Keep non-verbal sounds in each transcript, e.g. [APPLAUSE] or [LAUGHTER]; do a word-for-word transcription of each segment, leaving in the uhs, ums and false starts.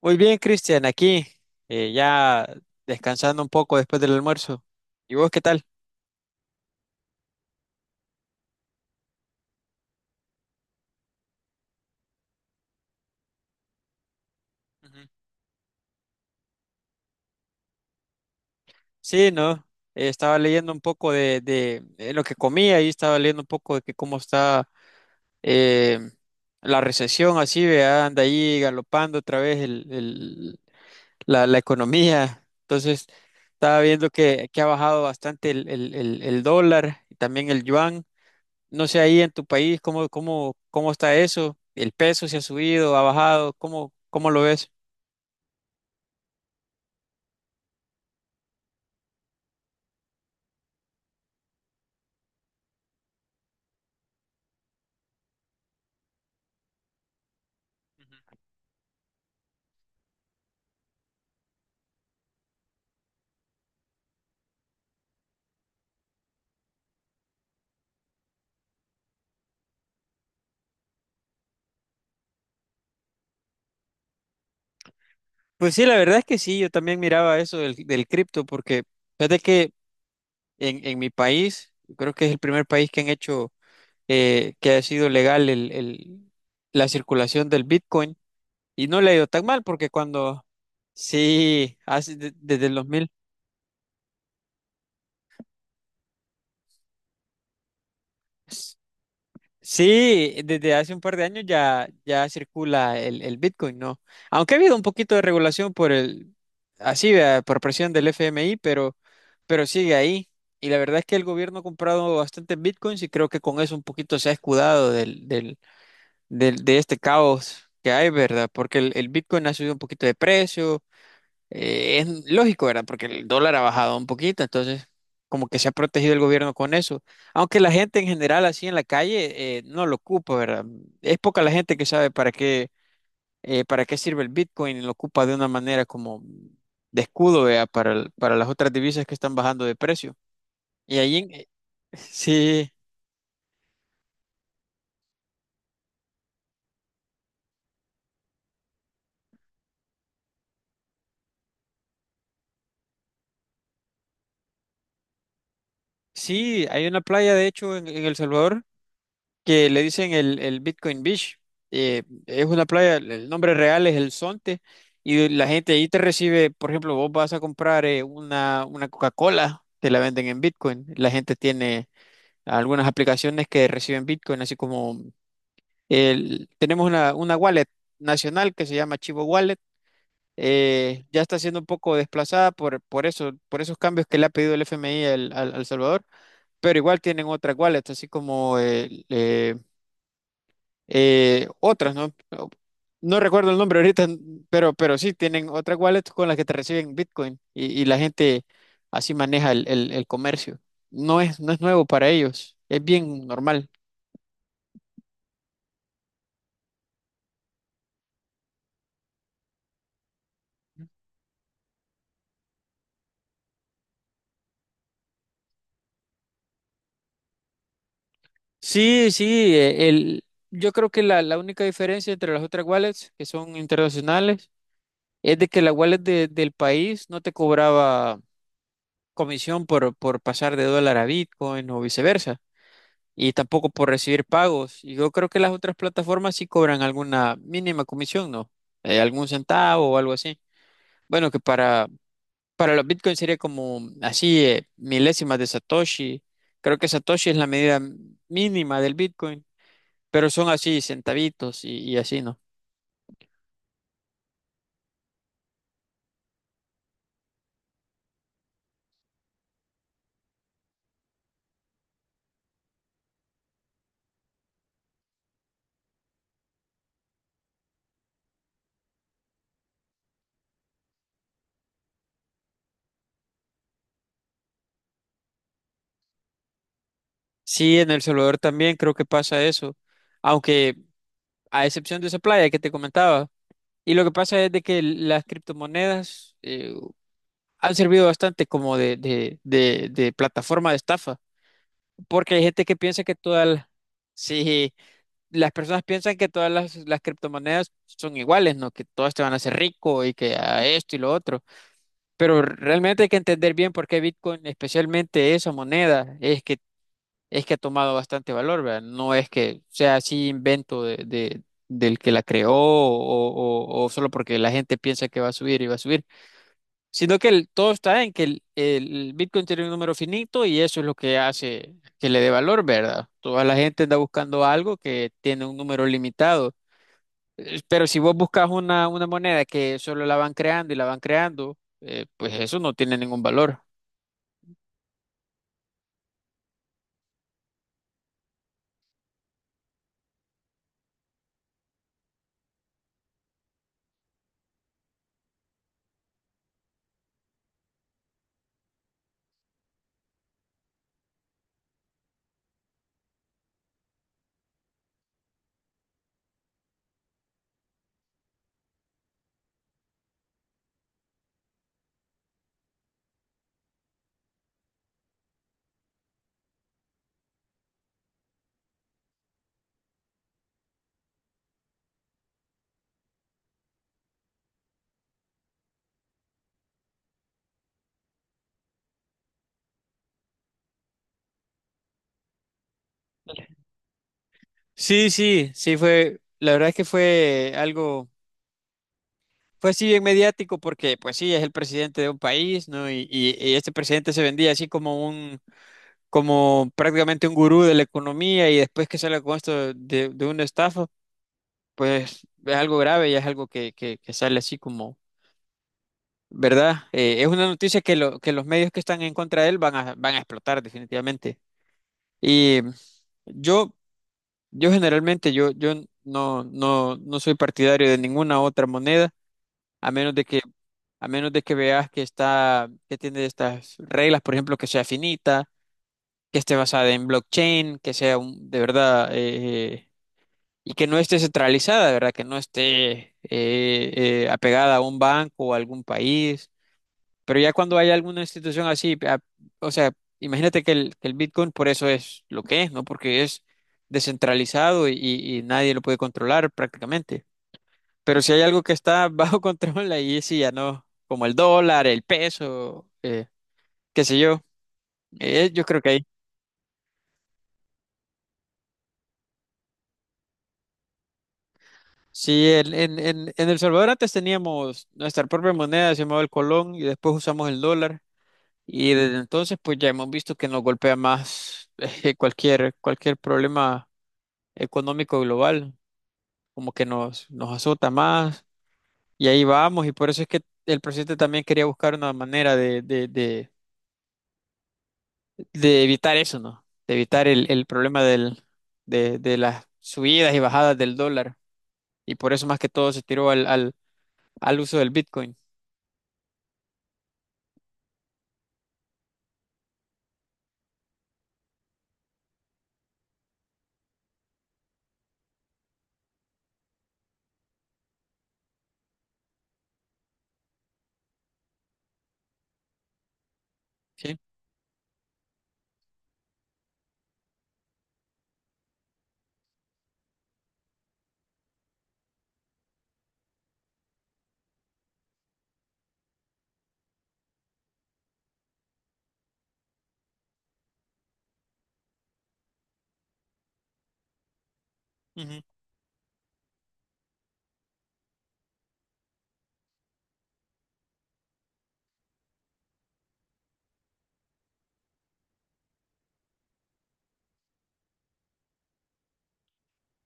Muy bien, Cristian, aquí eh, ya descansando un poco después del almuerzo. ¿Y vos qué tal? Ujú. Sí, ¿no? Eh, estaba leyendo un poco de, de, eh, lo que comía y estaba leyendo un poco de que cómo está eh, la recesión, así, vea, anda ahí galopando otra vez el, el- la, la economía. Entonces, estaba viendo que, que ha bajado bastante el, el, el, el dólar y también el yuan. No sé ahí en tu país, ¿cómo, cómo, cómo está eso? ¿El peso se ha subido, ha bajado? ¿Cómo, cómo lo ves? Pues sí, la verdad es que sí, yo también miraba eso del, del cripto, porque fíjate que en, en mi país, creo que es el primer país que han hecho, eh, que ha sido legal el, el- la circulación del Bitcoin, y no le ha ido tan mal, porque cuando, sí, hace, de- desde el dos mil. Sí, desde hace un par de años ya, ya circula el, el Bitcoin, ¿no? Aunque ha habido un poquito de regulación por el, así, vea, por presión del F M I, pero, pero sigue ahí. Y la verdad es que el gobierno ha comprado bastantes Bitcoins y creo que con eso un poquito se ha escudado del, del, del- de este caos que hay, ¿verdad? Porque el, el Bitcoin ha subido un poquito de precio, eh, es lógico, ¿verdad? Porque el dólar ha bajado un poquito, entonces como que se ha protegido el gobierno con eso. Aunque la gente en general así en la calle eh, no lo ocupa, ¿verdad? Es poca la gente que sabe para qué, eh, para qué sirve el Bitcoin y lo ocupa de una manera como de escudo, ¿verdad? Para, el- para las otras divisas que están bajando de precio. Y ahí, en- eh, [LAUGHS] sí, sí, hay una playa, de hecho, en, en El Salvador, que le dicen el, el Bitcoin Beach. Eh, es una playa, el el nombre real es el Sonte, y la gente ahí te recibe, por ejemplo, vos vas a comprar eh, una, una Coca-Cola, te la venden en Bitcoin. La gente tiene algunas aplicaciones que reciben Bitcoin, así como el, tenemos una, una wallet nacional que se llama Chivo Wallet. Eh, ya está siendo un poco desplazada por, por eso, por esos cambios que le ha pedido el F M I al, al- al Salvador, pero igual tienen otras wallets, así como el eh, eh, otras, ¿no? No recuerdo el nombre ahorita, [LAUGHS] pero, pero sí, tienen otras wallets con las que te reciben Bitcoin y, y la gente así maneja el, el- el comercio. No es, no es nuevo para ellos, es bien normal. Sí, sí, eh, el, yo creo que la, la única diferencia entre las otras wallets que son internacionales es de que la wallet de- del país no te cobraba comisión por, por pasar de dólar a Bitcoin o viceversa, y tampoco por recibir pagos. Y yo creo que las otras plataformas sí cobran alguna mínima comisión, ¿no? Eh, algún centavo o algo así. Bueno, que para, para los bitcoins sería como así eh, milésimas de Satoshi. Creo que Satoshi es la medida mínima del bitcoin, pero son así centavitos y, y así, ¿no? Sí, en El Salvador también creo que pasa eso, aunque a excepción de esa playa que te comentaba. Y lo que pasa es de que las criptomonedas, eh, han servido bastante como de, de, de, de plataforma de estafa, porque hay gente que piensa que todas las, sí, las personas piensan que todas las, las criptomonedas son iguales, ¿no? Que todas te van a hacer rico y que a esto y lo otro, pero realmente hay que entender bien por qué Bitcoin, especialmente esa moneda, es que, es que ha tomado bastante valor, ¿verdad? No es que sea así invento de, de- del que la creó o, o o solo porque la gente piensa que va a subir y va a subir. Sino que el- todo está en que el, el Bitcoin tiene un número finito y eso es lo que hace que le dé valor, ¿verdad? Toda la gente anda buscando algo que tiene un número limitado. Eh, Pero si vos buscas una, una moneda que solo la van creando y la van creando, eh, pues eso no tiene ningún valor. Sí, sí, sí fue, la verdad es que fue algo, fue así bien mediático porque pues sí, es el presidente de un país, ¿no? Y, y, y este presidente se vendía así como un como prácticamente un gurú de la economía y después que salga con esto de, de una estafa, pues es algo grave y es algo que, que, que sale así como, ¿verdad? Eh, es una noticia que, lo, que los medios que están en contra de él van a, van a explotar definitivamente. Y mm, yo, yo generalmente, yo, yo no, no, no soy partidario de ninguna otra moneda, a menos de que, a menos de que veas que está, que tiene estas reglas, por ejemplo, que sea finita, que esté basada en blockchain, que sea un- de verdad eh, y que no esté centralizada, de ¿verdad? Que no esté eh, eh, apegada a un banco o a algún país. Pero ya cuando hay alguna institución así, a- o sea, imagínate que el, que el Bitcoin por eso es lo que es, ¿no? Porque es descentralizado y, y nadie lo puede controlar prácticamente. Pero si hay algo que está bajo [LAUGHS] control, ahí sí ya no, como el dólar, el peso, eh, qué sé yo. Eh, yo creo que ahí. Sí, el- en, en, en El Salvador antes teníamos nuestra propia moneda, se llamaba el colón, y después usamos el dólar. Y desde entonces, pues ya hemos visto que nos golpea más [LAUGHS] eh, cualquier, cualquier problema económico global, como que nos, nos azota más. Y ahí vamos, y por eso es que el presidente también quería buscar una manera de, de, de, de evitar eso, ¿no? De evitar el, el problema del, de, de las subidas y bajadas del dólar. Y por eso más que todo se tiró al, al, al uso del Bitcoin. Sí.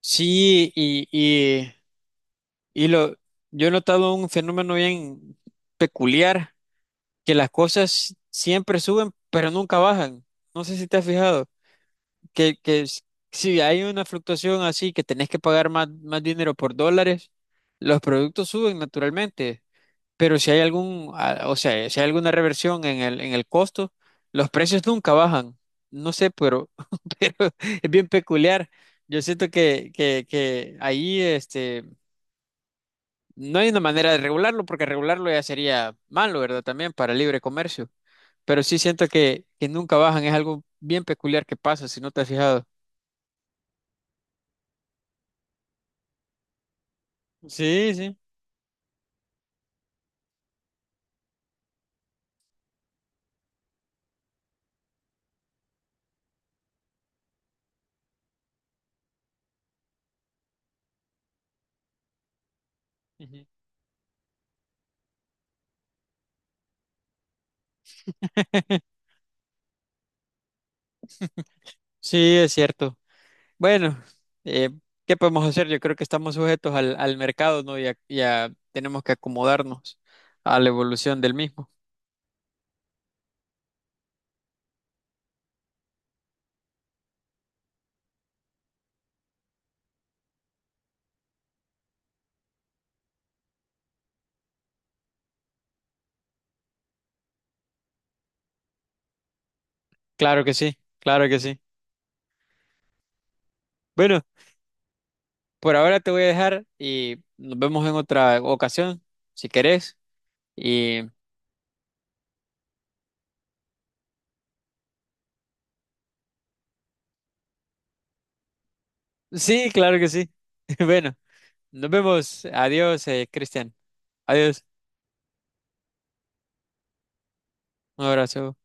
Sí, y, y, y lo, yo he notado un fenómeno bien peculiar, que las cosas siempre suben, pero nunca bajan. No sé si te has fijado, que, que s- si hay una fluctuación así, que tenés que pagar más, más dinero por dólares, los productos suben naturalmente, pero si hay algún, a- o sea, si hay alguna reversión en el, en el costo, los precios nunca bajan. No sé, pero, [LAUGHS] pero es bien peculiar. Yo siento que, que, que ahí, este... No hay una manera de regularlo, porque regularlo ya sería malo, ¿verdad? También para el libre comercio. Pero sí siento que, que nunca bajan, es algo bien peculiar que pasa, si no te has fijado. Sí, sí. Ujú. [LAUGHS] Sí, es cierto. Bueno, eh, ¿qué podemos hacer? Yo creo que estamos sujetos al, al mercado, ¿no? Y a- y a- tenemos que acomodarnos a la evolución del mismo. Claro que sí, claro que sí. Bueno, por ahora te voy a dejar y nos vemos en otra ocasión, si querés. Sí, claro que sí. [LAUGHS] Bueno, nos vemos. Adiós, eh, Cristian. Adiós. Un abrazo.